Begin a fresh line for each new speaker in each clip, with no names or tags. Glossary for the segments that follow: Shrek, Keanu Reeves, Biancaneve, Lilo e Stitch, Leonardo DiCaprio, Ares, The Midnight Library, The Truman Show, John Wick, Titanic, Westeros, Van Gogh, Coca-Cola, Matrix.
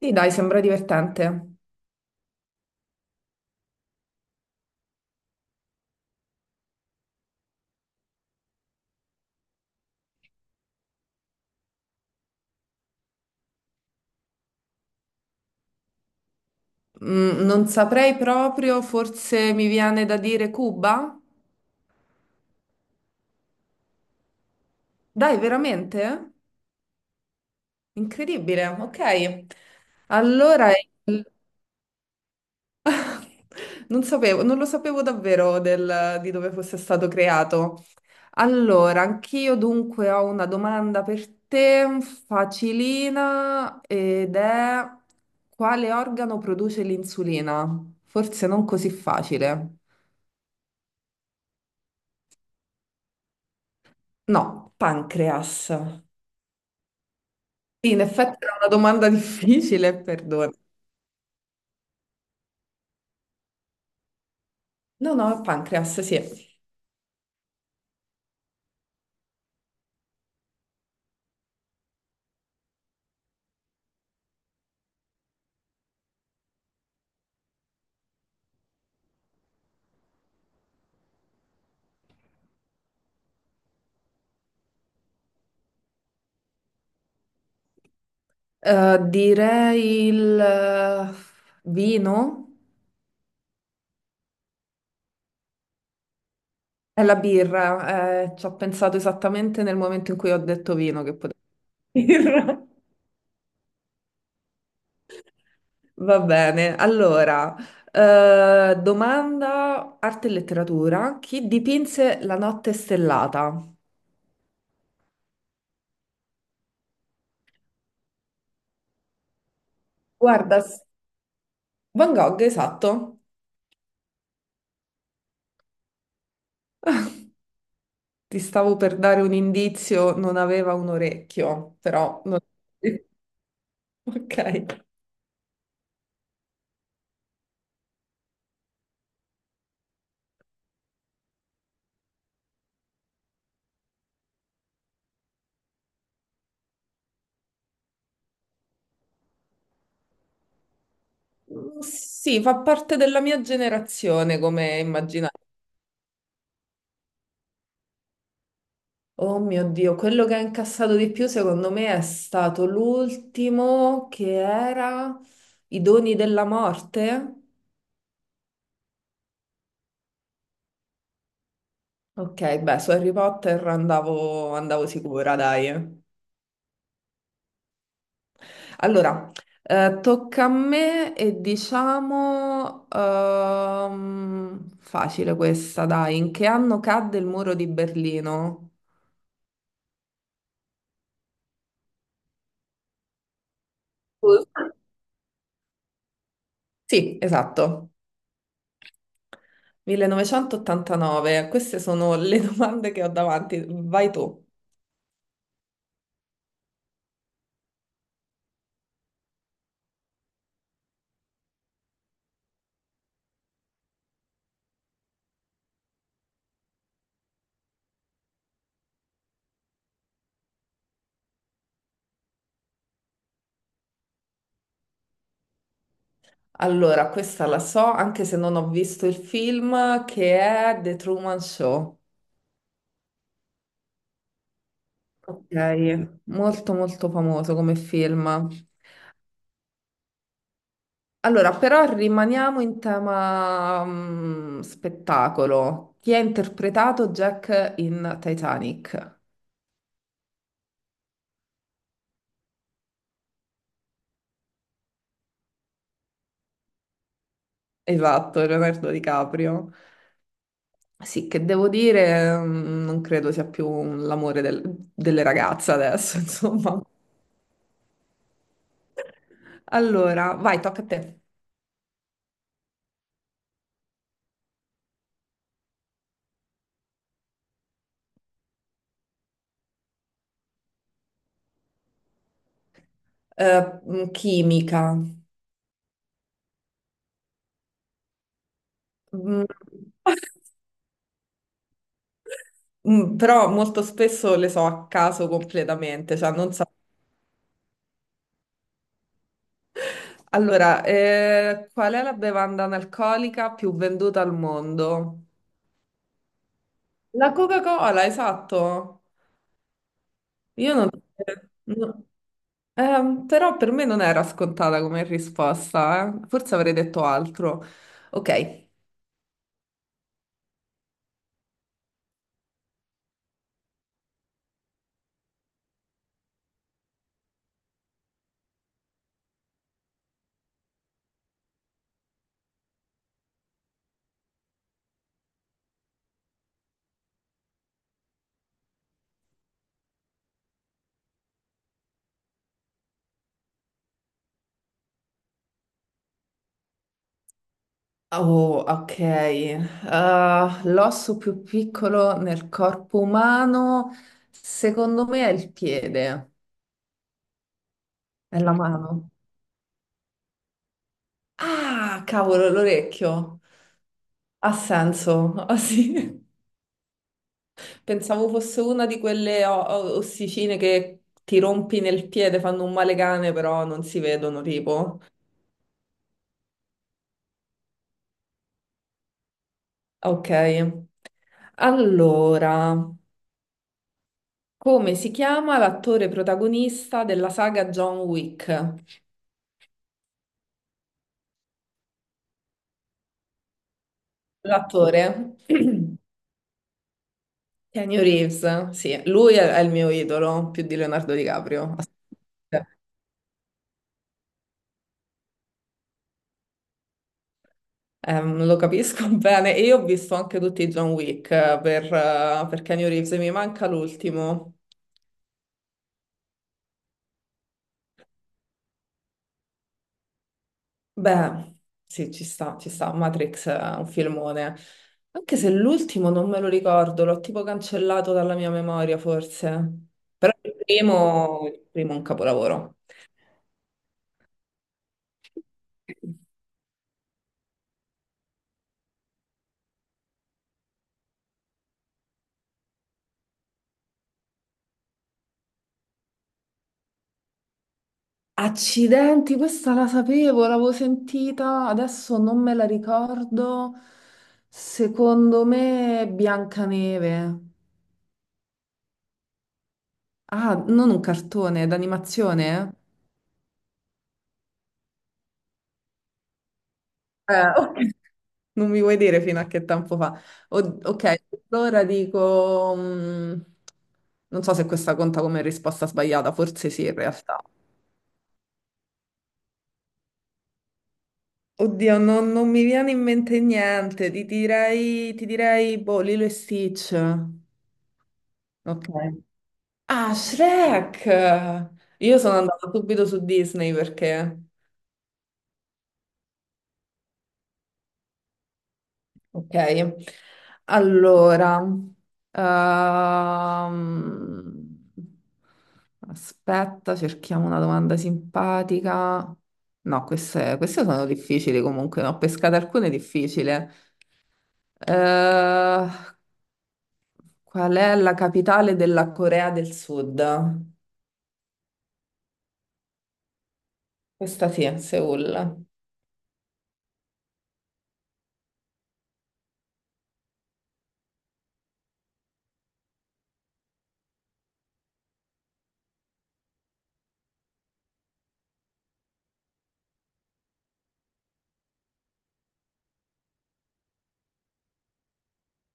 Sì, dai, sembra divertente. Non saprei proprio, forse mi viene da dire Cuba? Dai, veramente? Incredibile, ok. Allora, il- non sapevo, non lo sapevo davvero di dove fosse stato creato. Allora, anch'io dunque ho una domanda per te, facilina, ed è quale organo produce l'insulina? Forse non così facile. No, pancreas. Sì, in effetti era una domanda difficile, perdona. No, no, pancreas, sì. Direi il vino e la birra. Ci ho pensato esattamente nel momento in cui ho detto vino che poteva birra. Va bene, allora, domanda arte e letteratura. Chi dipinse La notte stellata? Guarda, Van Gogh, esatto. Ti stavo per dare un indizio, non aveva un orecchio, però... Ok. Sì, fa parte della mia generazione, come immaginate. Oh mio Dio, quello che ha incassato di più secondo me è stato l'ultimo che era I doni della morte. Ok, beh, su Harry Potter andavo sicura, dai. Allora, tocca a me e diciamo... facile questa, dai. In che anno cadde il muro di Berlino? Uh. Sì, esatto. 1989, queste sono le domande che ho davanti. Vai tu. Allora, questa la so, anche se non ho visto il film, che è The Truman Show. Ok, molto molto famoso come film. Allora, però rimaniamo in tema spettacolo. Chi ha interpretato Jack in Titanic? Esatto, Leonardo DiCaprio. Sì, che devo dire, non credo sia più l'amore delle ragazze adesso, insomma. Allora, vai, tocca a te. Chimica. Mm, però molto spesso le so a caso completamente, cioè non so. Allora, qual è la bevanda analcolica più venduta al mondo? La Coca-Cola, esatto. Io non... no. Però per me non era scontata come risposta, eh. Forse avrei detto altro. Ok. Oh, ok. Ah, l'osso più piccolo nel corpo umano, secondo me è il piede, è la mano. Ah, cavolo, l'orecchio. Ha senso. Ah, sì. Pensavo fosse una di quelle ossicine che ti rompi nel piede, fanno un male cane, però non si vedono, tipo. Ok, allora. Come si chiama l'attore protagonista della saga John Wick? L'attore Keanu Reeves, sì, lui è il mio idolo, più di Leonardo DiCaprio. Assolutamente. Lo capisco bene. E io ho visto anche tutti i John Wick per Keanu Reeves, e mi manca l'ultimo. Beh, sì, ci sta, ci sta. Matrix è un filmone. Anche se l'ultimo non me lo ricordo, l'ho tipo cancellato dalla mia memoria, forse. Però il primo è un capolavoro. Accidenti, questa la sapevo, l'avevo sentita, adesso non me la ricordo. Secondo me è Biancaneve. Ah, non un cartone, d'animazione? Ok. Non mi vuoi dire fino a che tempo fa. Ok, allora dico... non so se questa conta come risposta sbagliata, forse sì in realtà. Oddio, non mi viene in mente niente, ti direi, boh, Lilo e Stitch. Ok. Ah, Shrek! Io sono andata subito su Disney perché... Ok, allora, ehm, aspetta, cerchiamo una domanda simpatica. No, queste sono difficili comunque, ne ho pescate alcune difficili. Qual è la capitale della Corea del Sud? Questa sì, è Seoul.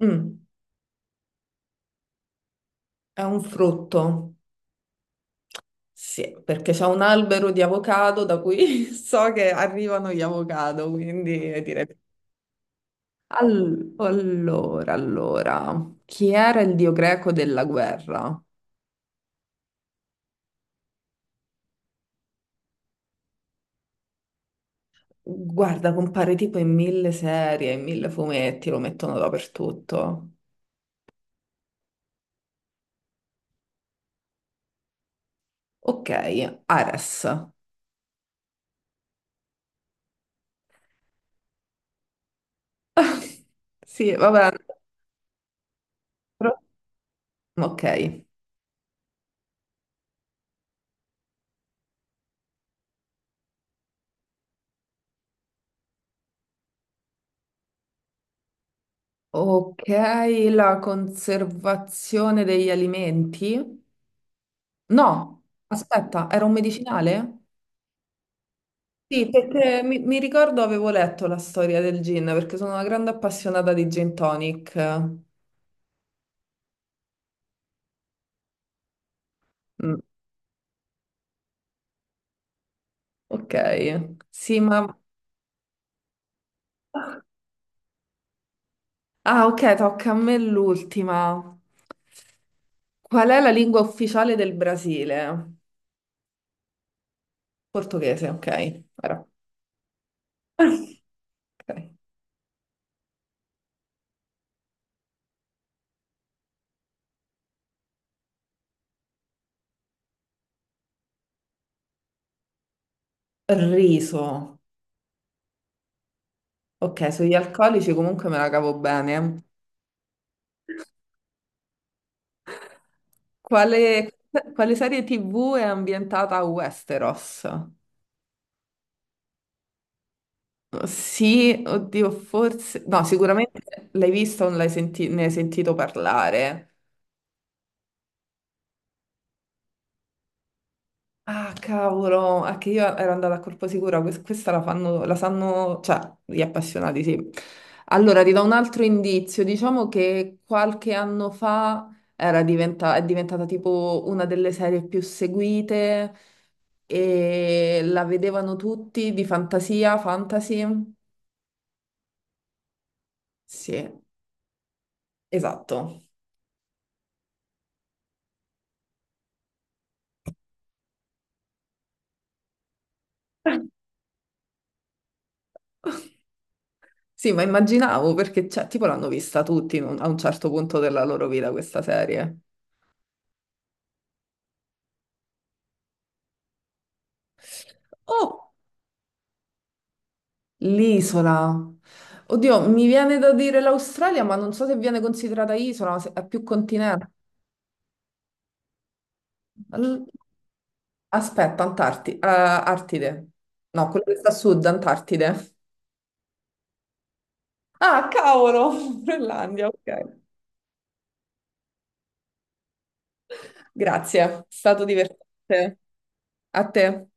Mm, è un frutto, sì, perché c'è un albero di avocado da cui so che arrivano gli avocado, quindi direi allora, allora, chi era il dio greco della guerra? Guarda, compare tipo in mille serie, in mille fumetti, lo mettono dappertutto. Ok, Ares. Sì, vabbè. Però. Ok. Ok, la conservazione degli alimenti? No, aspetta, era un medicinale? Sì, perché mi ricordo avevo letto la storia del gin, perché sono una grande appassionata di gin tonic. Mm, ok, sì, ma... Ah, ok, tocca a me l'ultima. Qual è la lingua ufficiale del Brasile? Portoghese, ok. Ora. Ok. Riso. Ok, sugli alcolici comunque me la cavo bene. Quale, quale serie TV è ambientata a Westeros? Sì, oddio, forse... No, sicuramente l'hai vista o l'hai ne hai sentito parlare. Ah, cavolo, è che io ero andata a colpo sicuro, questa la fanno, la sanno, cioè, gli appassionati, sì. Allora, ti do un altro indizio, diciamo che qualche anno fa era è diventata tipo una delle serie più seguite e la vedevano tutti di fantasia, fantasy. Sì, esatto. Sì, ma immaginavo perché, cioè, tipo l'hanno vista tutti in a un certo punto della loro vita questa serie. Oh, l'isola. Oddio, mi viene da dire l'Australia, ma non so se viene considerata isola, se è più continente. L- aspetta, Artide. No, quello che sta a sud, Antartide. Ah, cavolo, Groenlandia, ok. Grazie, è stato divertente. A te.